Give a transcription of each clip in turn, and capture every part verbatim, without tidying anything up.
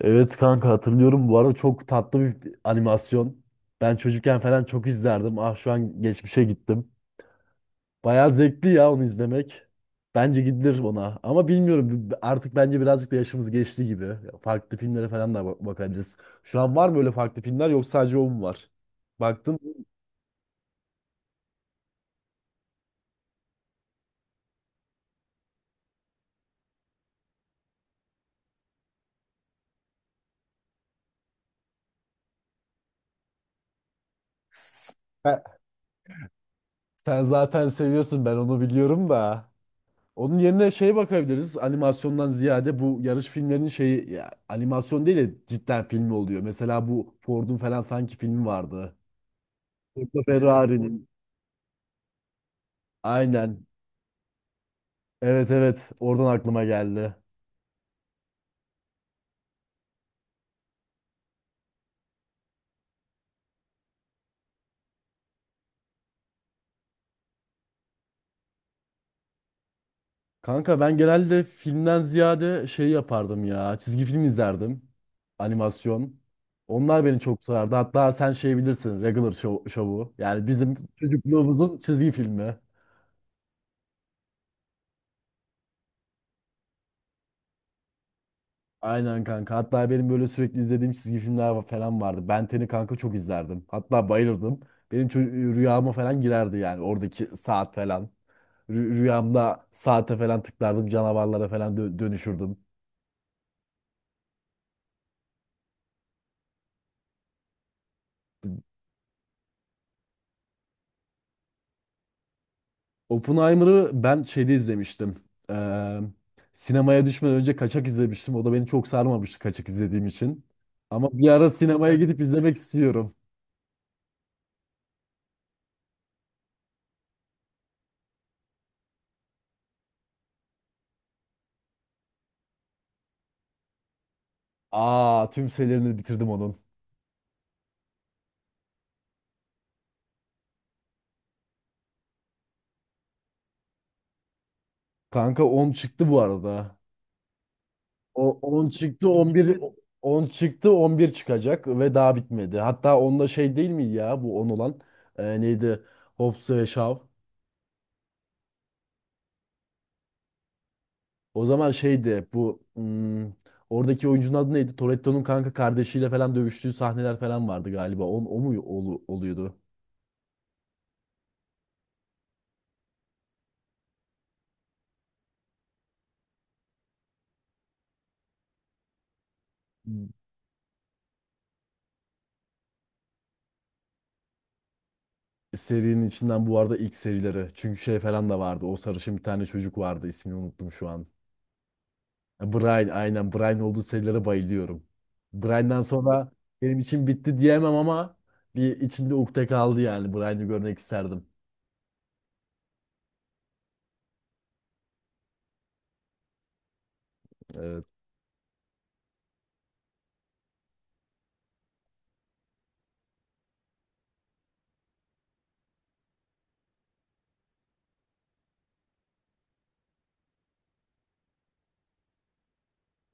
Evet kanka hatırlıyorum. Bu arada çok tatlı bir animasyon. Ben çocukken falan çok izlerdim. Ah şu an geçmişe gittim. Bayağı zevkli ya onu izlemek. Bence gidilir ona. Ama bilmiyorum b- artık bence birazcık da yaşımız geçti gibi. Farklı filmlere falan da ba- bakabiliriz. Şu an var mı öyle farklı filmler yoksa sadece o mu var? Baktın mı? Sen, sen zaten seviyorsun, ben onu biliyorum da. Onun yerine şeye bakabiliriz. Animasyondan ziyade bu yarış filmlerinin şeyi ya, animasyon değil de cidden film oluyor. Mesela bu Ford'un falan sanki filmi vardı. Ford'la Need Ferrari'nin. Aynen. Evet, evet. Oradan aklıma geldi. Kanka ben genelde filmden ziyade şey yapardım ya. Çizgi film izlerdim. Animasyon. Onlar beni çok sarardı. Hatta sen şey bilirsin. Regular Show- Show'u. Yani bizim çocukluğumuzun çizgi filmi. Aynen kanka. Hatta benim böyle sürekli izlediğim çizgi filmler va- falan vardı. Ben Ten'i kanka çok izlerdim. Hatta bayılırdım. Benim ço- rüyama falan girerdi yani oradaki saat falan. Rü- rüyamda saate falan tıklardım. Canavarlara falan dö- dönüşürdüm. Oppenheimer'ı ben şeyde izlemiştim. Ee, Sinemaya düşmeden önce kaçak izlemiştim. O da beni çok sarmamıştı kaçak izlediğim için. Ama bir ara sinemaya gidip izlemek istiyorum. Aa, tüm serilerini bitirdim onun. Kanka on çıktı bu arada. O on çıktı on bir on çıktı, on bir çıkacak ve daha bitmedi. Hatta onda şey değil mi ya, bu on olan e, neydi? Hobbs ve Shaw. O zaman şeydi bu, hmm, oradaki oyuncunun adı neydi? Toretto'nun kanka kardeşiyle falan dövüştüğü sahneler falan vardı galiba. On, o mu olu- oluyordu? Hmm, Serinin içinden bu arada ilk serileri. Çünkü şey falan da vardı. O sarışın bir tane çocuk vardı. İsmini unuttum şu an. Brian, aynen, Brian olduğu serilere bayılıyorum. Brian'dan sonra benim için bitti diyemem ama bir içinde ukde kaldı yani. Brian'ı görmek isterdim. Evet.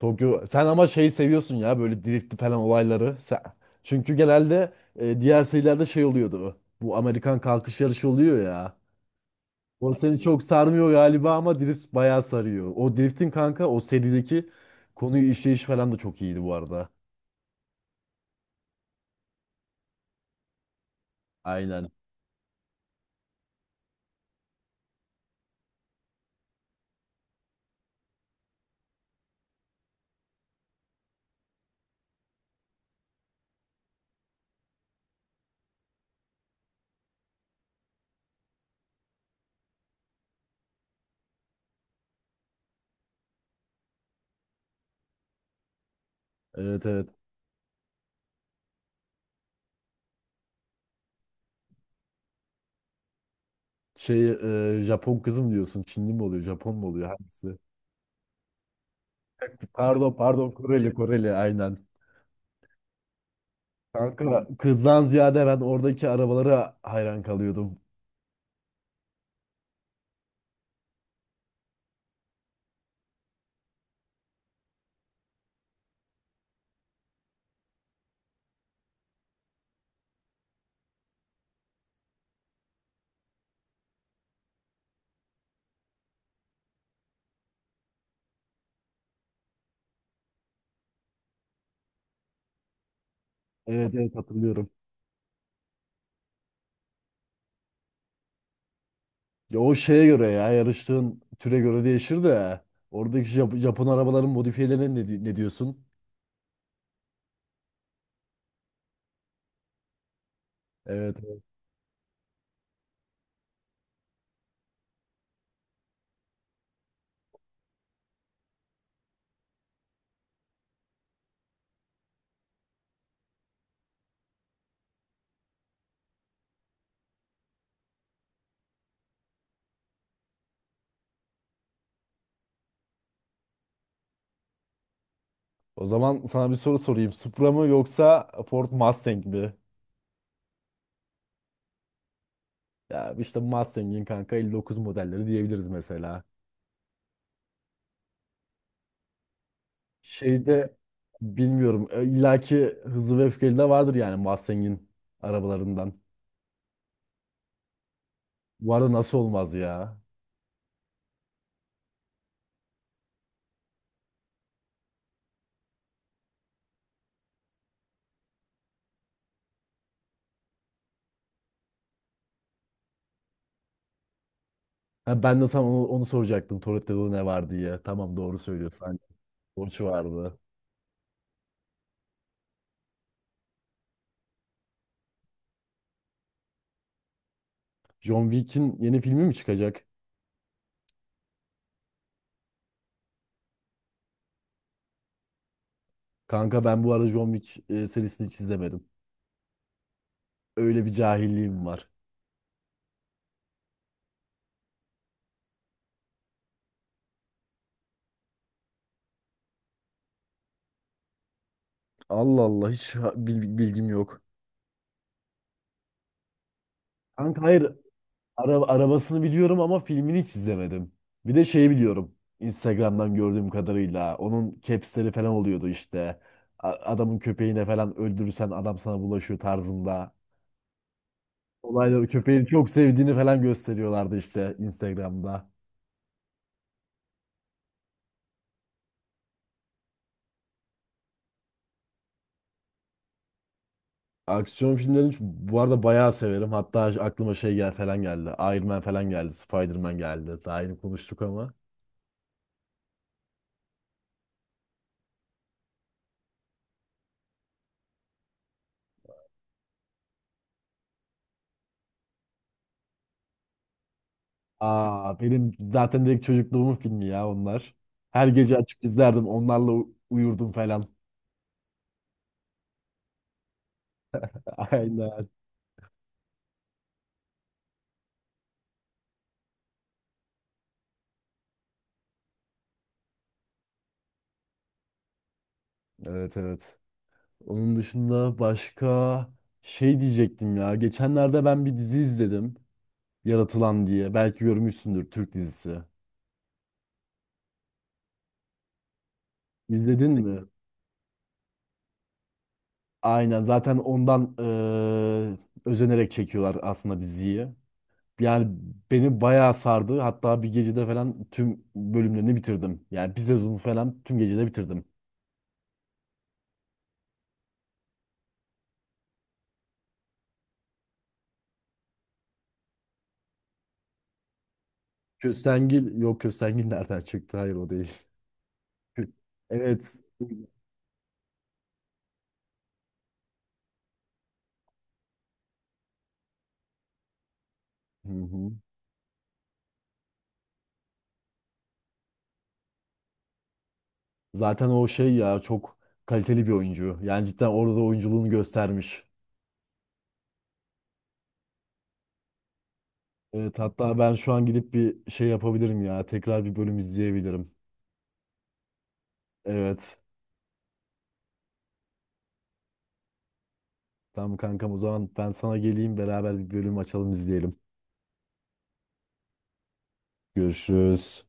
Tokyo, sen ama şeyi seviyorsun ya, böyle drift falan olayları. Sen- Çünkü genelde e, diğer serilerde şey oluyordu. Bu Amerikan kalkış yarışı oluyor ya. O seni çok sarmıyor galiba ama drift bayağı sarıyor. O driftin kanka, o serideki konuyu işleyiş falan da çok iyiydi bu arada. Aynen. Evet, evet. Şey, e, Japon kızım diyorsun. Çinli mi oluyor? Japon mu oluyor? Hangisi? Pardon, pardon, Koreli, Koreli, aynen. Kanka, kızdan ziyade ben oradaki arabalara hayran kalıyordum. Evet, evet, hatırlıyorum. Ya o şeye göre, ya yarıştığın türe göre değişir de oradaki Jap- Japon arabaların modifiyelerine ne, di- ne diyorsun? Evet. Evet. O zaman sana bir soru sorayım. Supra mı yoksa Ford Mustang mi? Ya işte Mustang'in kanka elli dokuz modelleri diyebiliriz mesela. Şeyde bilmiyorum. E, illaki Hızlı ve Öfkeli de vardır yani Mustang'in arabalarından. Bu arada nasıl olmaz ya? Ha, ben de sana onu, onu soracaktım. Toretto'da ne var diye. Tamam, doğru söylüyorsun. Hani Borç vardı. John Wick'in yeni filmi mi çıkacak? Kanka ben bu arada John Wick e, serisini hiç izlemedim. Öyle bir cahilliğim var. Allah Allah, hiç ha- bil- bilgim yok. Kanka hayır, Ara- arabasını biliyorum ama filmini hiç izlemedim. Bir de şeyi biliyorum. Instagram'dan gördüğüm kadarıyla onun capsleri falan oluyordu işte. A- Adamın köpeğine falan öldürürsen adam sana bulaşıyor tarzında. Olayları köpeğini çok sevdiğini falan gösteriyorlardı işte Instagram'da. Aksiyon filmlerini ç- bu arada bayağı severim. Hatta aklıma şey gel falan geldi. Iron Man falan geldi. Spider-Man geldi. Daha yeni konuştuk ama. Aa, benim zaten direkt çocukluğumun filmi ya onlar. Her gece açıp izlerdim. Onlarla u- uyurdum falan. Aynen. Evet, evet. Onun dışında başka şey diyecektim ya. Geçenlerde ben bir dizi izledim. Yaratılan diye. Belki görmüşsündür, Türk dizisi. İzledin mi? Aynen. Zaten ondan eee, özenerek çekiyorlar aslında diziyi. Yani beni bayağı sardı. Hatta bir gecede falan tüm bölümlerini bitirdim. Yani bir sezonu falan tüm gecede bitirdim. Köstengil, yok Köstengil nereden çıktı? Hayır, o değil. Kö- Evet. Hı hı. Zaten o şey ya, çok kaliteli bir oyuncu. Yani cidden orada da oyunculuğunu göstermiş. Evet, hatta ben şu an gidip bir şey yapabilirim ya. Tekrar bir bölüm izleyebilirim. Evet. Tamam kankam, o zaman ben sana geleyim, beraber bir bölüm açalım, izleyelim. Görüşürüz.